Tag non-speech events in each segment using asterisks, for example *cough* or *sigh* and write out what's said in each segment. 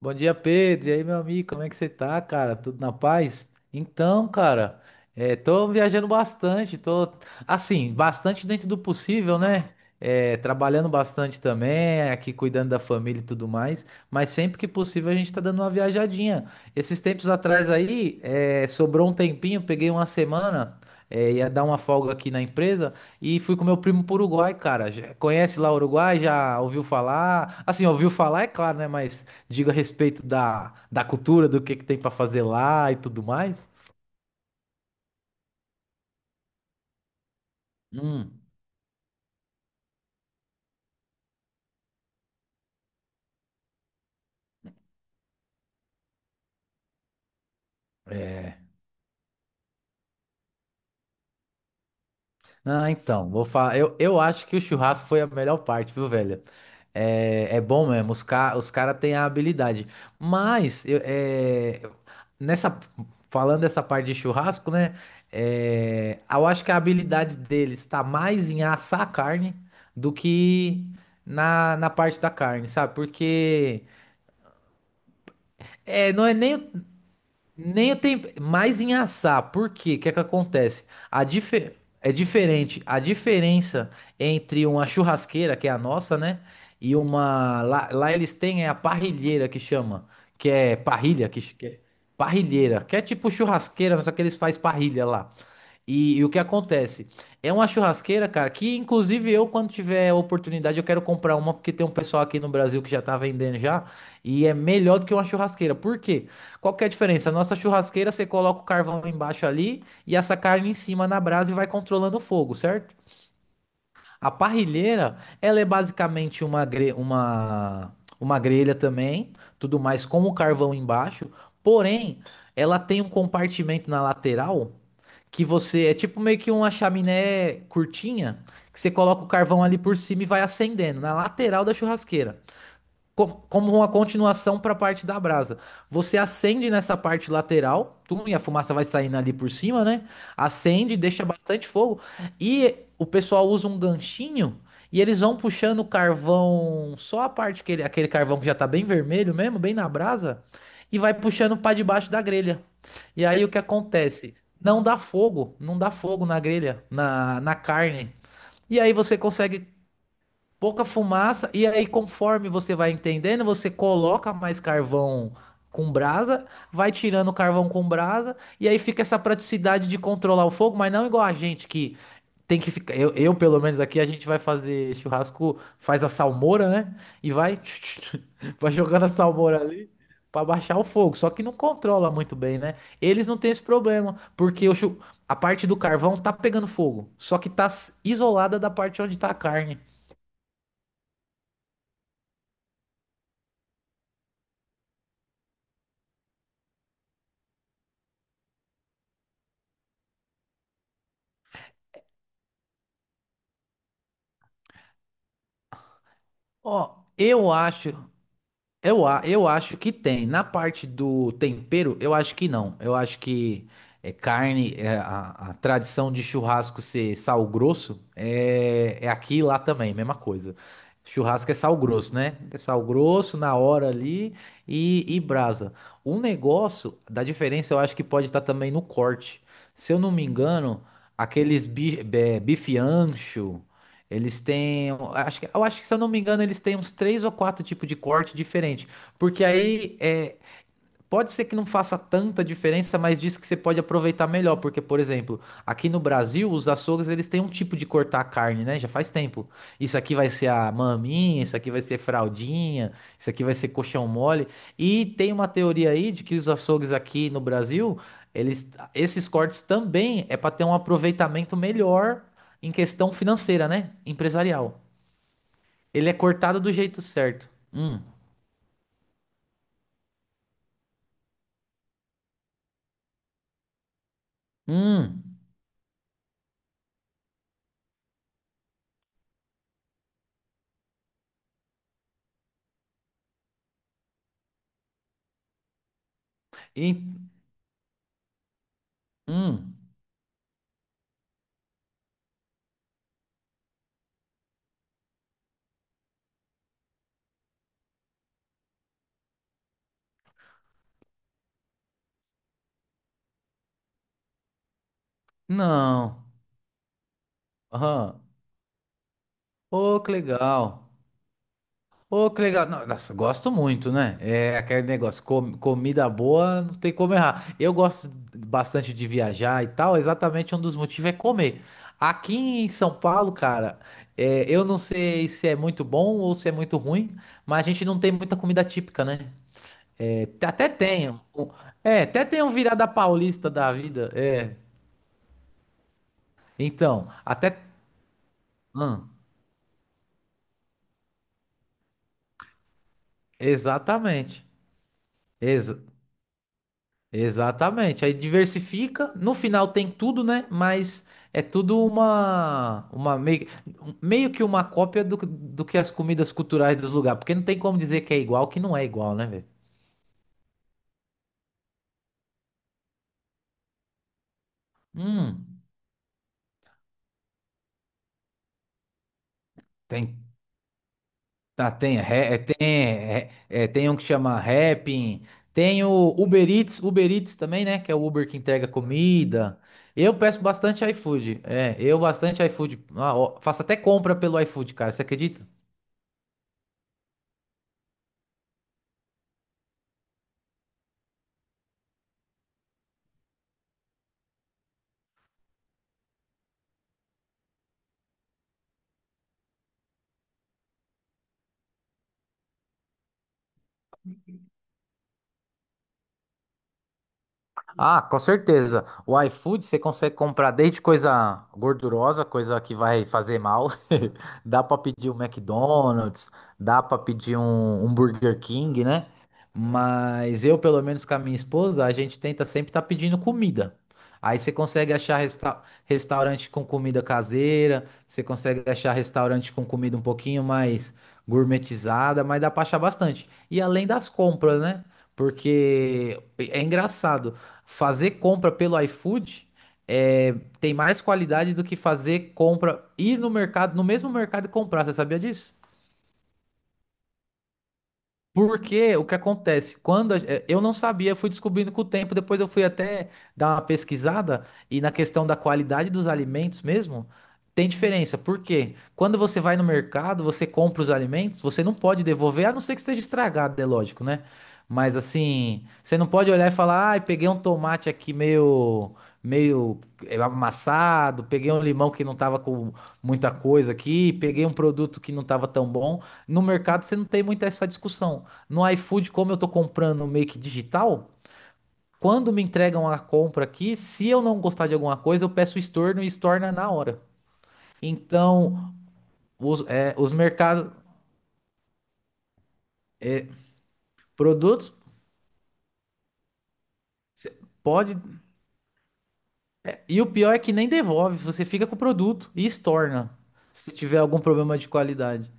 Bom dia, Pedro. E aí, meu amigo, como é que você tá, cara? Tudo na paz? Então, cara, tô viajando bastante, bastante dentro do possível, né? É, trabalhando bastante também, aqui cuidando da família e tudo mais, mas sempre que possível a gente tá dando uma viajadinha. Esses tempos atrás aí, sobrou um tempinho, peguei uma semana, ia dar uma folga aqui na empresa, e fui com meu primo pro Uruguai, cara. Conhece lá o Uruguai? Já ouviu falar? Assim, ouviu falar, é claro, né? Mas diga a respeito da cultura, do que tem pra fazer lá e tudo mais. Hum. Ah, então, vou falar. Eu acho que o churrasco foi a melhor parte, viu, velho? É, é bom mesmo, os caras têm a habilidade. Mas, nessa... falando dessa parte de churrasco, né? Eu acho que a habilidade deles tá mais em assar a carne do que na parte da carne, sabe? Porque não é nem. Nem o tempo, mais em assar. Por quê? O que é que acontece? A dife- É diferente. A diferença entre uma churrasqueira, que é a nossa, né? E uma. Lá, lá eles têm é a parrilheira que chama. Que é parrilha, que é parrilheira. Que é tipo churrasqueira, mas só que eles fazem parrilha lá. E o que acontece? É uma churrasqueira, cara, que inclusive eu, quando tiver oportunidade, eu quero comprar uma, porque tem um pessoal aqui no Brasil que já tá vendendo já, e é melhor do que uma churrasqueira. Por quê? Qual que é a diferença? A nossa churrasqueira, você coloca o carvão embaixo ali e essa carne em cima na brasa e vai controlando o fogo, certo? A parrilheira, ela é basicamente uma grelha também, tudo mais com o carvão embaixo, porém, ela tem um compartimento na lateral que você, é tipo meio que uma chaminé curtinha, que você coloca o carvão ali por cima e vai acendendo, na lateral da churrasqueira como uma continuação para a parte da brasa. Você acende nessa parte lateral, tum, e a fumaça vai saindo ali por cima, né? Acende, deixa bastante fogo. E o pessoal usa um ganchinho e eles vão puxando o carvão, só a parte que ele, aquele carvão que já tá bem vermelho mesmo, bem na brasa, e vai puxando para debaixo da grelha. E aí o que acontece? Não dá fogo, não dá fogo na grelha, na carne. E aí você consegue pouca fumaça, e aí conforme você vai entendendo, você coloca mais carvão com brasa, vai tirando o carvão com brasa, e aí fica essa praticidade de controlar o fogo, mas não igual a gente que tem que ficar. Pelo menos aqui, a gente vai fazer churrasco, faz a salmoura, né? E vai, *laughs* vai jogando a salmoura ali. Pra baixar o fogo, só que não controla muito bem, né? Eles não têm esse problema, porque a parte do carvão tá pegando fogo, só que isolada da parte onde tá a carne. Ó, eu acho que tem. Na parte do tempero, eu acho que não. Eu acho que é carne, é a tradição de churrasco ser sal grosso é, é aqui e lá também, mesma coisa. Churrasco é sal grosso, né? É sal grosso na hora ali e brasa. O negócio da diferença eu acho que pode estar também no corte. Se eu não me engano, bife ancho. Eles têm, um, acho que, eu acho que se eu não me engano, eles têm uns três ou quatro tipos de corte diferente, porque aí é, pode ser que não faça tanta diferença, mas diz que você pode aproveitar melhor, porque, por exemplo, aqui no Brasil, os açougues, eles têm um tipo de cortar a carne, né? Já faz tempo. Isso aqui vai ser a maminha, isso aqui vai ser fraldinha, isso aqui vai ser coxão mole. E tem uma teoria aí de que os açougues aqui no Brasil, eles, esses cortes também é para ter um aproveitamento melhor em questão financeira, né? Empresarial. Ele é cortado do jeito certo. Hum, e, hum. Não. Aham. Ô, que legal. Ô, que legal. Não, nossa, gosto muito, né? É aquele negócio, comida boa, não tem como errar. Eu gosto bastante de viajar e tal, exatamente um dos motivos é comer. Aqui em São Paulo, cara, eu não sei se é muito bom ou se é muito ruim, mas a gente não tem muita comida típica, né? É, te- até tem. Um- um, É, até tem um virada paulista da vida. É. Então, até. Hum, exatamente. Ex- Exatamente. Aí diversifica, no final tem tudo, né? Mas é tudo meio que uma cópia do que as comidas culturais dos lugares, porque não tem como dizer que é igual, que não é igual, né, velho? Hum, tem, tá, tem, ré- é, tem, é, é, tem um que chama Rappin, tem o Uber Eats, Uber Eats também, né? Que é o Uber que entrega comida. Eu peço bastante iFood, eu bastante iFood. Ah, ó, faço até compra pelo iFood, cara, você acredita? Ah, com certeza. O iFood você consegue comprar desde coisa gordurosa, coisa que vai fazer mal. *laughs* Dá pra pedir um McDonald's, dá pra pedir um, um Burger King, né? Mas eu, pelo menos com a minha esposa, a gente tenta sempre estar pedindo comida. Aí você consegue achar restaurante com comida caseira, você consegue achar restaurante com comida um pouquinho mais gourmetizada, mas dá pra achar bastante. E além das compras, né? Porque é engraçado fazer compra pelo iFood é, tem mais qualidade do que fazer compra, ir no mercado, no mesmo mercado e comprar. Você sabia disso? Porque o que acontece? Eu não sabia, fui descobrindo com o tempo, depois eu fui até dar uma pesquisada e na questão da qualidade dos alimentos mesmo, tem diferença. Por quê? Quando você vai no mercado, você compra os alimentos, você não pode devolver, a não ser que esteja estragado, é lógico, né? Mas assim, você não pode olhar e falar, ai, peguei um tomate aqui meio amassado, peguei um limão que não tava com muita coisa aqui, peguei um produto que não tava tão bom. No mercado você não tem muito essa discussão. No iFood, como eu tô comprando meio que digital, quando me entregam a compra aqui, se eu não gostar de alguma coisa, eu peço estorno e estorna na hora. Então, os mercados, produtos, cê pode. E o pior é que nem devolve, você fica com o produto e estorna, se tiver algum problema de qualidade.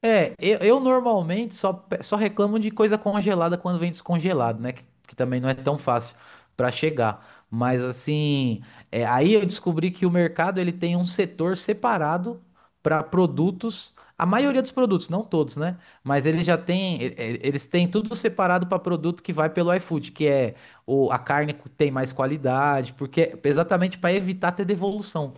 É, eu normalmente só reclamo de coisa congelada quando vem descongelado, né? Que também não é tão fácil pra chegar. Mas assim, aí eu descobri que o mercado ele tem um setor separado pra produtos. A maioria dos produtos, não todos, né? Mas ele já tem, eles têm tudo separado pra produto que vai pelo iFood, que é a carne que tem mais qualidade, porque exatamente pra evitar ter devolução.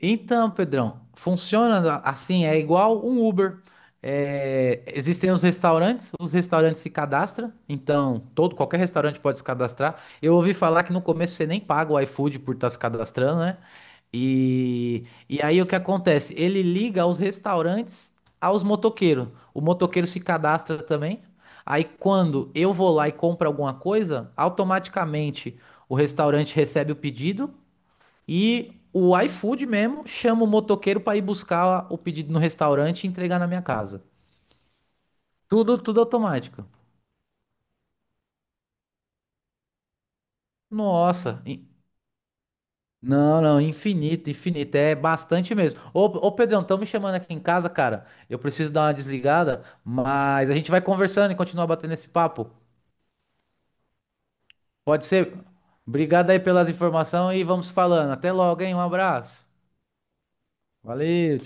Então, Pedrão, funciona assim, é igual um Uber. É, existem os restaurantes se cadastram, então todo qualquer restaurante pode se cadastrar. Eu ouvi falar que no começo você nem paga o iFood por estar se cadastrando, né? E aí o que acontece? Ele liga os restaurantes aos motoqueiros. O motoqueiro se cadastra também. Aí quando eu vou lá e compro alguma coisa, automaticamente o restaurante recebe o pedido. E o iFood mesmo chama o motoqueiro para ir buscar o pedido no restaurante e entregar na minha casa. Tudo, tudo automático. Nossa. in- Não, não, infinito, infinito. É bastante mesmo. Ô Pedrão, estão me chamando aqui em casa, cara. Eu preciso dar uma desligada, mas a gente vai conversando e continuar batendo esse papo. Pode ser? Obrigado aí pelas informações e vamos falando. Até logo, hein? Um abraço. Valeu.